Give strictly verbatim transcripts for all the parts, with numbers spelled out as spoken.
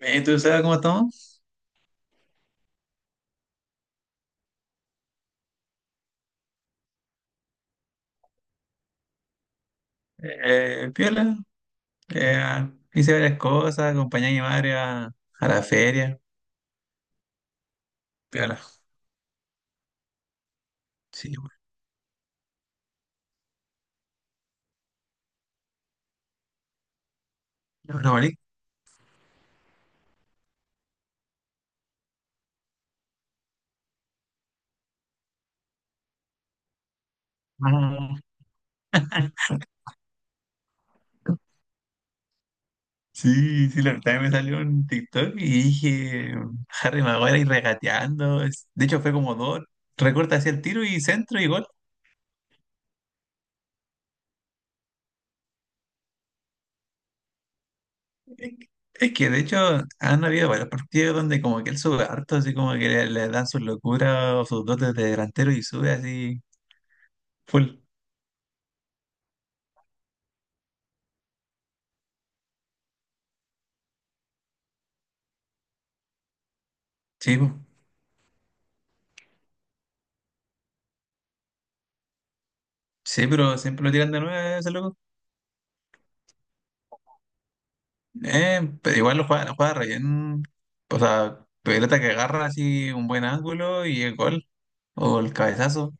Eh, ¿Tú sabes cómo estamos? Eh, piola. Eh, hice varias cosas, acompañé a mi madre a, a la feria. Piola. Sí, bueno. No, vale. Ah, sí, sí, la verdad me salió un TikTok y dije Harry Maguire y regateando. Es- De hecho, fue como dos. Recorta hacia el tiro y centro y gol. Es que, es que, de hecho han habido varios partidos donde como que él sube harto, así como que le, le dan sus locuras o sus dotes de delantero y sube así full. Sí, po. Sí, pero siempre lo tiran de nueve ese loco. Eh, pero igual lo juega, lo juega re bien. O sea, pelota que agarra así un buen ángulo y el gol. O el cabezazo.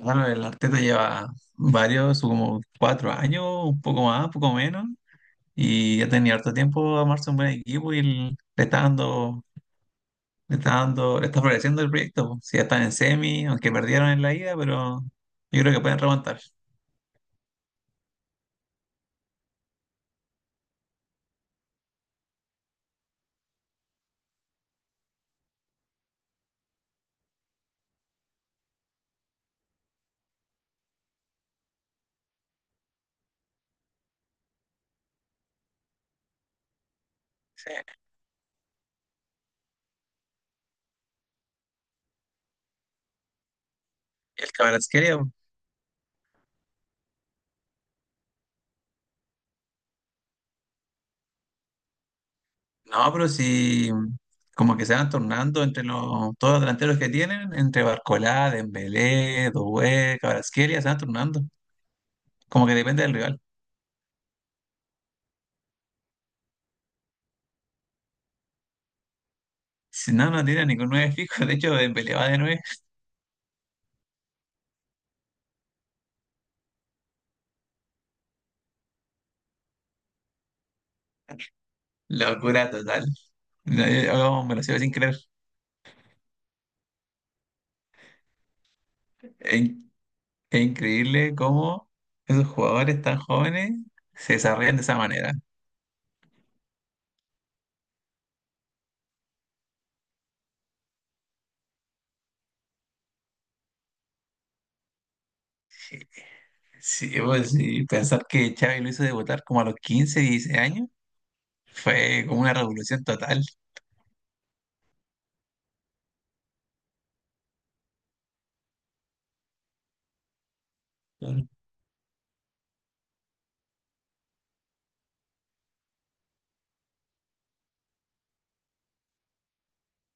Bueno, el Arteta lleva varios, como cuatro años, un poco más, un poco menos. Y ya tenía harto tiempo a armarse un buen equipo y el- le está dando, le está dando, le está floreciendo el proyecto, po. Si ya están en semi, aunque perdieron en la ida, pero yo creo que pueden remontar. Sí, el Kvaratskhelia. No, pero si como que se van tornando entre los, todos los delanteros que tienen, entre Barcolá, Dembélé, Doué, Kvaratskhelia, se van tornando. Como que depende del rival. Si no, no tiene ningún nueve fijo. De hecho, Dembélé va de nueve. Locura total. No, yo- yo me lo sigo sin creer. Es, in- es increíble cómo esos jugadores tan jóvenes se desarrollan de esa manera. Sí, pues sí, pensar que Xavi lo hizo debutar como a los quince dieciséis años fue como una revolución total.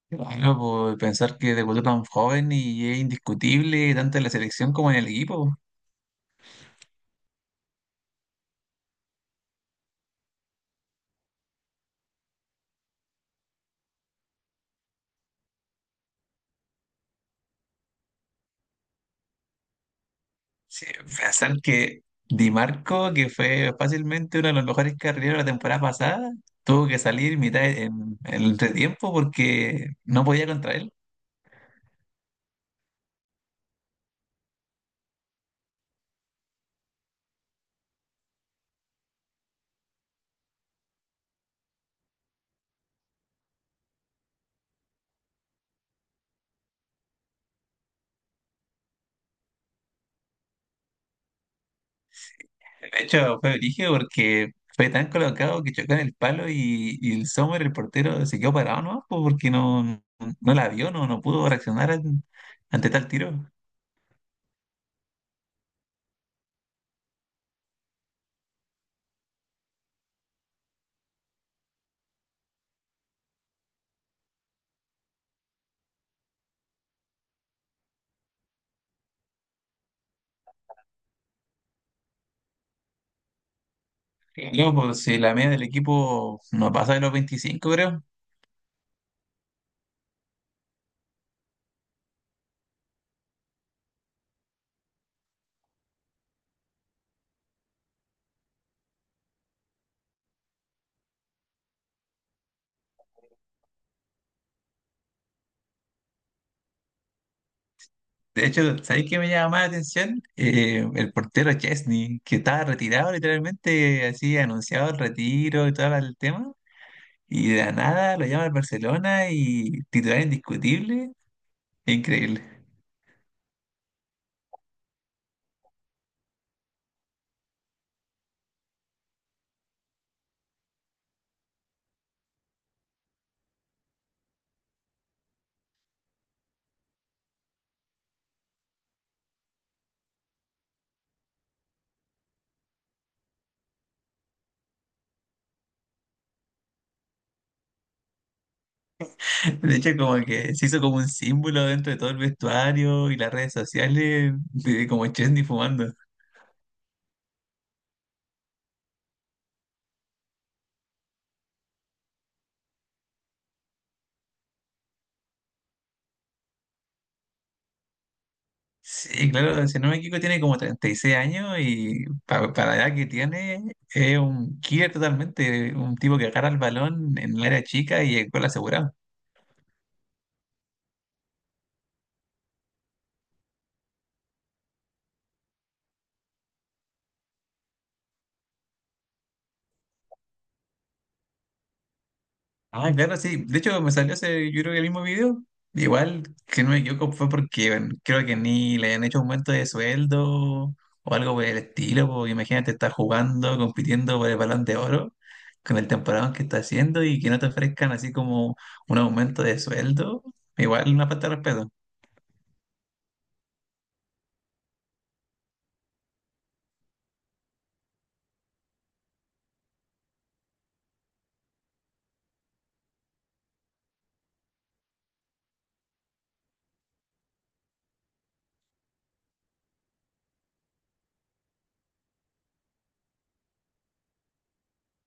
Bueno, pues, pensar que debutó tan joven y es indiscutible tanto en la selección como en el equipo. Sí, pensar que Di Marco, que fue fácilmente uno de los mejores carrileros la temporada pasada, tuvo que salir mitad de- en, en el entretiempo porque no podía contra él. De hecho, fue brígido porque fue tan colocado que chocó en el palo y, y el Sommer, el portero, se quedó parado, ¿no? Porque no, no la vio, no, no pudo reaccionar an- ante tal tiro. Loco, si la media del equipo no pasa de los veinticinco, creo. De hecho, ¿sabéis qué me llama más la atención? Eh, el portero Chesney, que estaba retirado literalmente, así anunciado el retiro y todo el tema, y de la nada lo llama al Barcelona y titular indiscutible, increíble. De hecho, como que se hizo como un símbolo dentro de todo el vestuario y las redes sociales, de como Chesney fumando. Sí, claro, si no me equivoco, tiene como treinta y seis años y pa- para la edad que tiene es un killer totalmente, un tipo que agarra el balón en el área chica y el gol asegurado. Ah, claro, sí. De hecho, me salió ese, yo creo que el mismo video. Igual, que no me equivoco, fue porque bueno, creo que ni le habían hecho aumento de sueldo o algo por el estilo. Porque imagínate, estás jugando, compitiendo por el balón de oro con el temporada que está haciendo y que no te ofrezcan así como un aumento de sueldo. Igual una falta de respeto.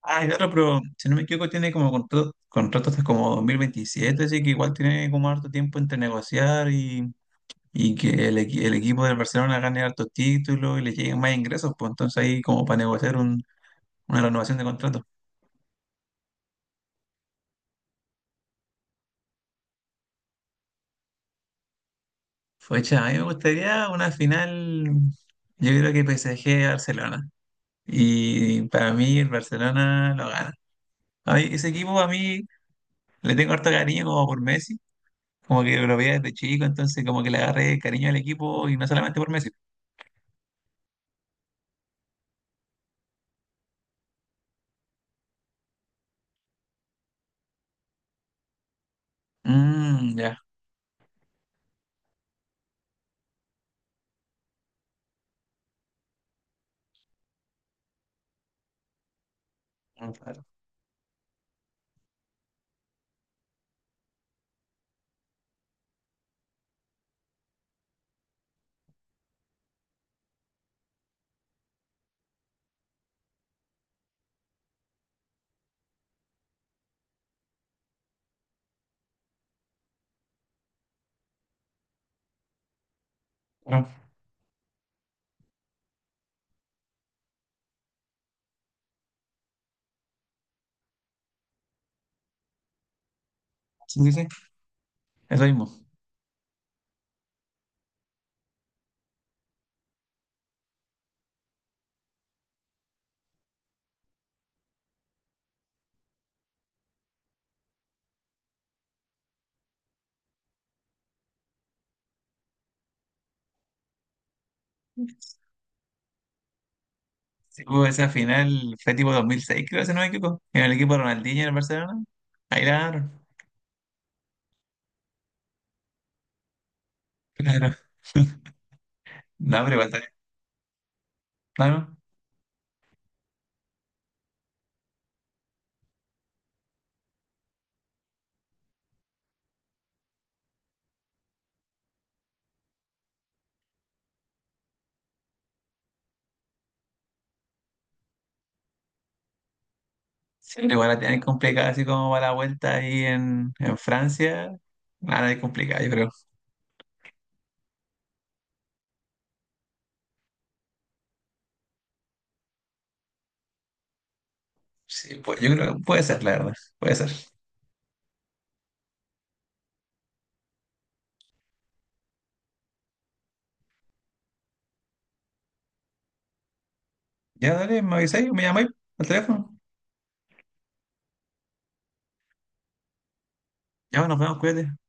Ah, claro, pero si no me equivoco, tiene como contrato, contrato hasta como dos mil veintisiete, así que igual tiene como harto tiempo entre negociar y, y que el, equi- el equipo del Barcelona gane hartos títulos y le lleguen más ingresos, pues entonces ahí como para negociar un- una renovación de contrato. Fecha, a mí me gustaría una final, yo creo que P S G-Barcelona. Y para mí el Barcelona lo gana. A mí, ese equipo a mí le tengo harto cariño como por Messi, como que lo veía desde chico, entonces como que le agarré cariño al equipo y no solamente por Messi. Mm, ya. Mm, claro. Bueno, sí, sí, sí, es lo mismo. Sí, hubo esa final, fue tipo dos mil seis, creo, si no me equivoco, en el equipo de Ronaldinho en el Barcelona. Ahí la ganaron. Claro. No, pero igual también. Claro. Sí, pero igual la tienen complicada, así como va la vuelta ahí en, en Francia. Nada de complicada, yo creo. Sí, pues, yo creo que puede ser, la verdad. Puede ser. Ya, dale, me avisáis, me llamáis al teléfono. Ya, nos vemos, cuídate.